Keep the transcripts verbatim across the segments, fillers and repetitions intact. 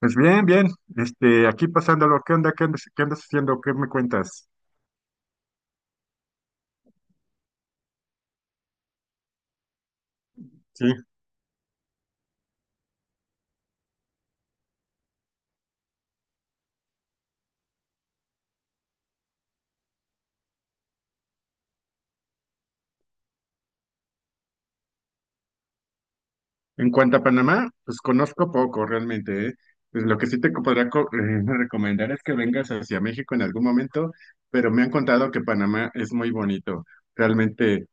Pues bien, bien, este, aquí pasándolo. ¿Qué onda? ¿Qué andas, qué andas haciendo? ¿Qué me cuentas? Sí, en cuanto a Panamá, pues conozco poco realmente, ¿eh? Pues lo que sí te co- podría co- eh, recomendar es que vengas hacia México en algún momento, pero me han contado que Panamá es muy bonito, realmente.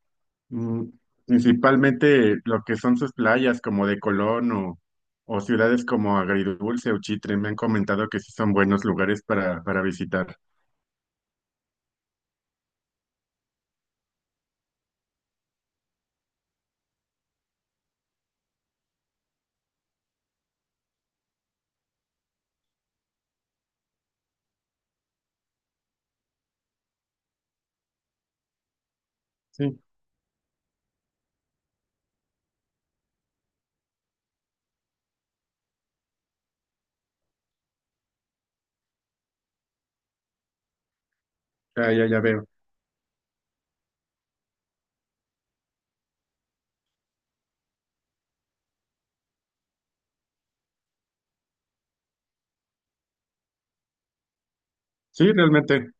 mm, Principalmente lo que son sus playas como de Colón o, o ciudades como Agridulce o Chitre, me han comentado que sí son buenos lugares para, para visitar. Sí, ya, ya, ya veo. Sí, realmente.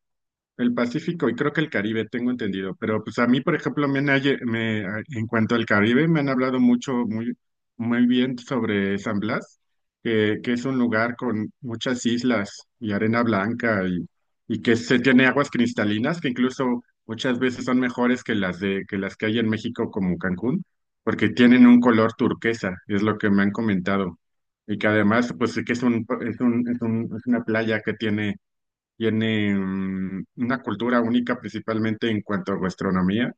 El Pacífico y creo que el Caribe, tengo entendido. Pero pues a mí, por ejemplo, me han, halle- me, en cuanto al Caribe, me han hablado mucho, muy, muy bien sobre San Blas, que, que es un lugar con muchas islas y arena blanca, y, y que se tiene aguas cristalinas que incluso muchas veces son mejores que las de, que las que hay en México como Cancún, porque tienen un color turquesa, es lo que me han comentado. Y que además, pues sí que es un, es un, es un- es una playa que tiene tiene mm, una cultura única principalmente en cuanto a gastronomía,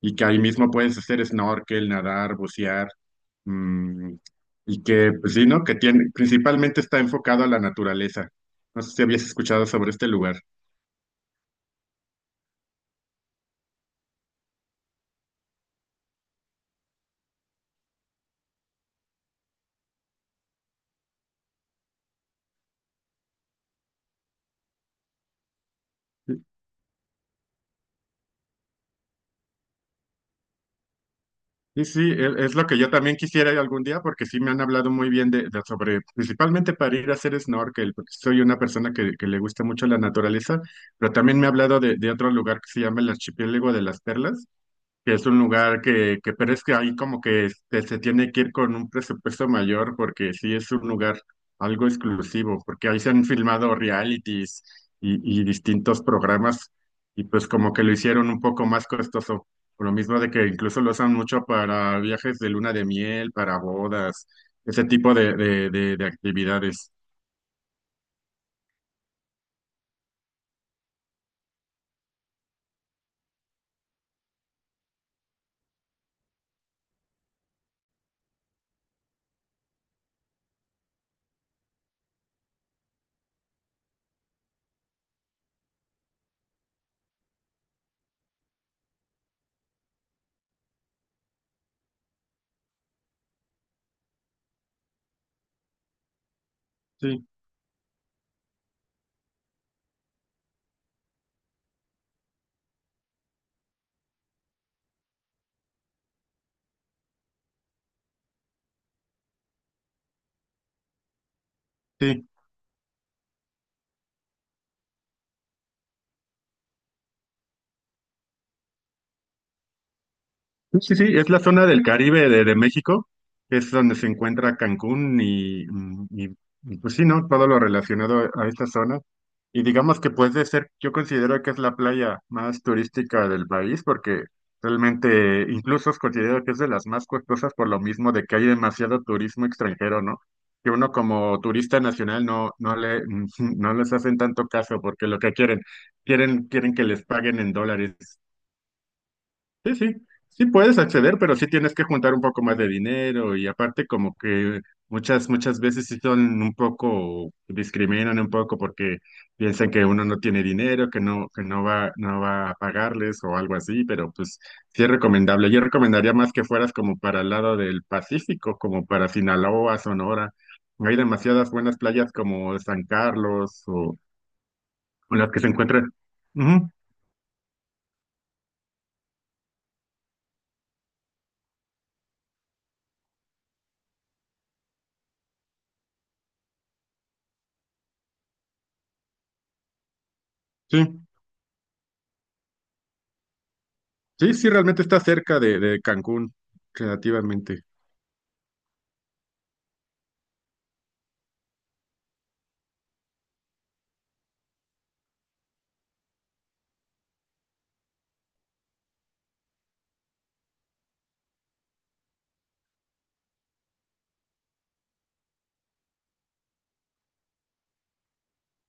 y que ahí mismo puedes hacer snorkel, nadar, bucear, mm, y que, pues sí, ¿no? Que tiene, principalmente está enfocado a la naturaleza. No sé si habías escuchado sobre este lugar. Sí, sí, e- es lo que yo también quisiera ir algún día porque sí me han hablado muy bien de, de- sobre, principalmente para ir a hacer snorkel, porque soy una persona que, que le gusta mucho la naturaleza, pero también me ha hablado de, de otro lugar que se llama el Archipiélago de las Perlas, que es un lugar que, que pero es que ahí como que este, se tiene que ir con un presupuesto mayor porque sí es un lugar algo exclusivo, porque ahí se han filmado realities y, y distintos programas, y pues como que lo hicieron un poco más costoso, por lo mismo de que incluso lo usan mucho para viajes de luna de miel, para bodas, ese tipo de, de, de, de actividades. Sí, sí. Sí, sí, sí, es la zona del Caribe de, de México, que es donde se encuentra Cancún, y, mm, y, y, pues sí, ¿no? Todo lo relacionado a esta zona. Y digamos que puede ser, yo considero que es la playa más turística del país, porque realmente incluso considero que es de las más costosas por lo mismo de que hay demasiado turismo extranjero, ¿no? Que uno como turista nacional no, no le, no les hacen tanto caso, porque lo que quieren, quieren, quieren que les paguen en dólares. Sí, sí, sí puedes acceder, pero sí tienes que juntar un poco más de dinero, y aparte como que muchas, muchas veces sí son un poco, discriminan un poco porque piensan que uno no tiene dinero, que no, que no va, no va a pagarles o algo así, pero pues sí es recomendable. Yo recomendaría más que fueras como para el lado del Pacífico, como para Sinaloa, Sonora. Hay demasiadas buenas playas como San Carlos o o las que se encuentran. Ujú, sí. Sí, sí, realmente está cerca de, de Cancún, relativamente.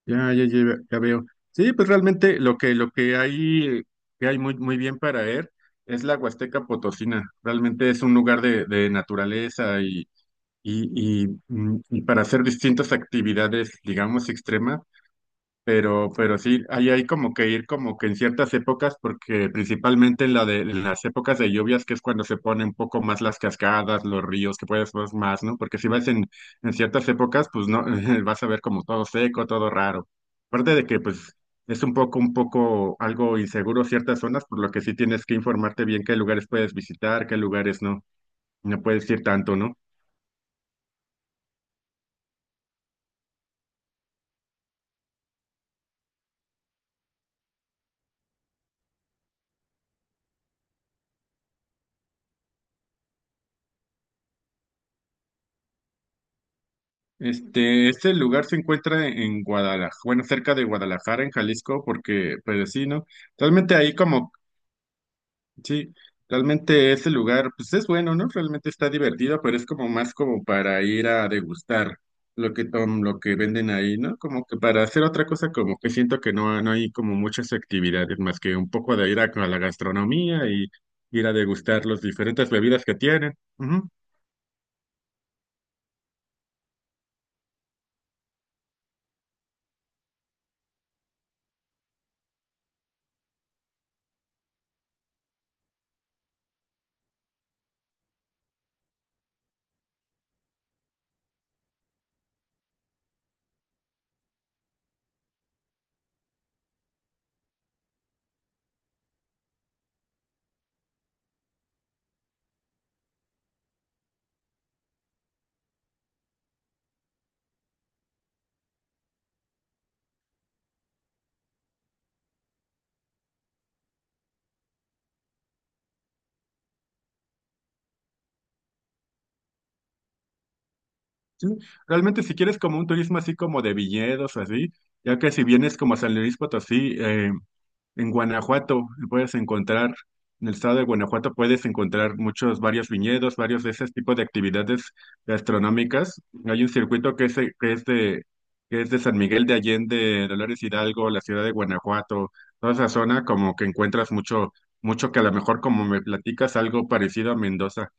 Ya, ya, ya, ya veo. Sí, pues realmente lo que, lo que hay, que hay muy, muy bien para ver es la Huasteca Potosina. Realmente es un lugar de, de naturaleza y, y, y, mm, y para hacer distintas actividades, digamos, extremas. Pero, pero sí, ahí hay como que ir como que en ciertas épocas, porque principalmente en la de en las épocas de lluvias, que es cuando se ponen un poco más las cascadas, los ríos, que puedes ver más, ¿no? Porque si vas en, en ciertas épocas, pues no, vas a ver como todo seco, todo raro. Aparte de que, pues, es un poco, un poco algo inseguro ciertas zonas, por lo que sí tienes que informarte bien qué lugares puedes visitar, qué lugares no, no puedes ir tanto, ¿no? Este, este lugar se encuentra en Guadalajara, bueno, cerca de Guadalajara, en Jalisco, porque, pues sí, ¿no? Realmente ahí como, sí, realmente ese lugar, pues es bueno, ¿no? Realmente está divertido, pero es como más como para ir a degustar lo que tom, lo que venden ahí, ¿no? Como que para hacer otra cosa, como que siento que no, no hay como muchas actividades, más que un poco de ir a, a la gastronomía, y ir a degustar las diferentes bebidas que tienen. Ujú. Sí, realmente si quieres como un turismo así como de viñedos o así, ya que si vienes como a San Luis Potosí, eh, en Guanajuato puedes encontrar, en el estado de Guanajuato puedes encontrar muchos, varios viñedos, varios de ese tipo de actividades gastronómicas. Hay un circuito que es, de- que es de, que es de San Miguel de Allende, Dolores Hidalgo, la ciudad de Guanajuato, toda esa zona como que encuentras mucho, mucho que a lo mejor como me platicas algo parecido a Mendoza.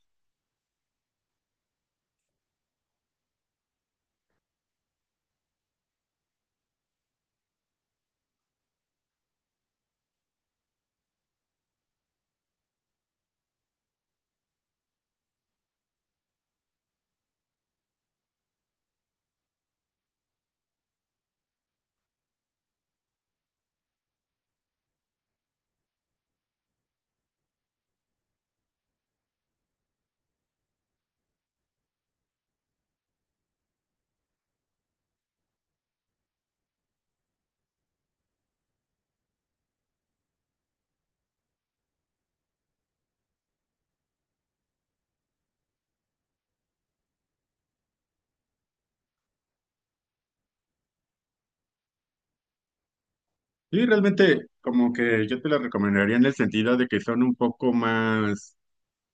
Sí, realmente como que yo te las recomendaría en el sentido de que son un poco más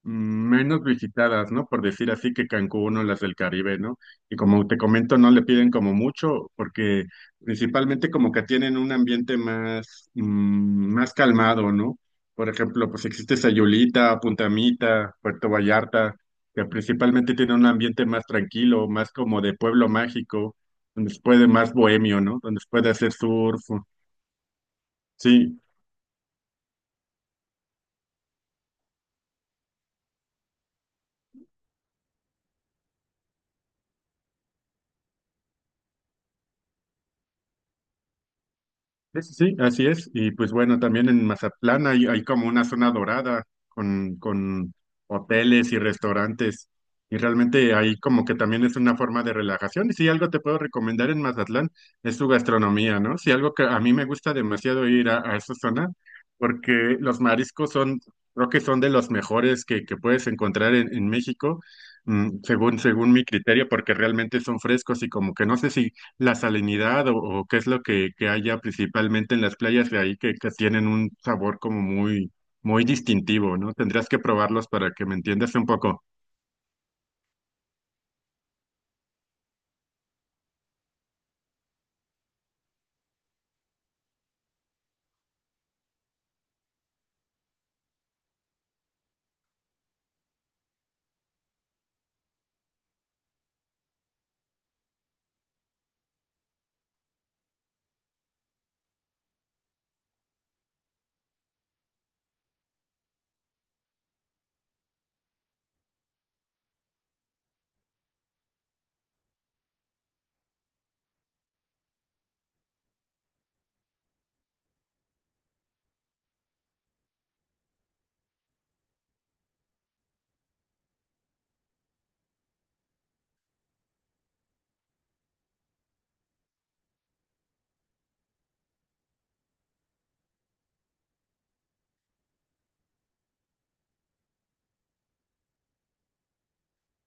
mm, menos visitadas, ¿no? Por decir así que Cancún o las del Caribe, ¿no? Y como te comento, no le piden como mucho porque principalmente como que tienen un ambiente más mm, más calmado, ¿no? Por ejemplo, pues existe Sayulita, Puntamita, Puerto Vallarta, que principalmente tiene un ambiente más tranquilo, más como de pueblo mágico, donde se puede más bohemio, ¿no? Donde se puede hacer surf. Sí, sí, sí, sí, así es. Y pues bueno, también en Mazatlán hay, hay como una zona dorada con, con hoteles y restaurantes. Y realmente ahí como que también es una forma de relajación. Y si algo te puedo recomendar en Mazatlán es su gastronomía, ¿no? Si algo que a mí me gusta demasiado ir a, a esa zona, porque los mariscos son, creo que son de los mejores que, que puedes encontrar en, en México, mm, según, según mi criterio, porque realmente son frescos, y como que no sé si la salinidad o, o qué es lo que, que haya principalmente en las playas de ahí, que, que tienen un sabor como muy, muy distintivo, ¿no? Tendrías que probarlos para que me entiendas un poco.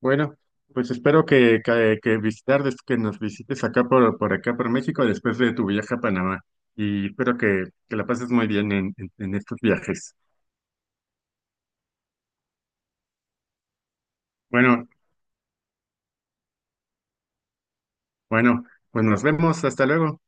Bueno, pues espero que, que, que visitar, des- que nos visites acá por, por acá por México después de tu viaje a Panamá. Y espero que, que la pases muy bien en, en en estos viajes. Bueno, bueno, pues nos vemos, hasta luego.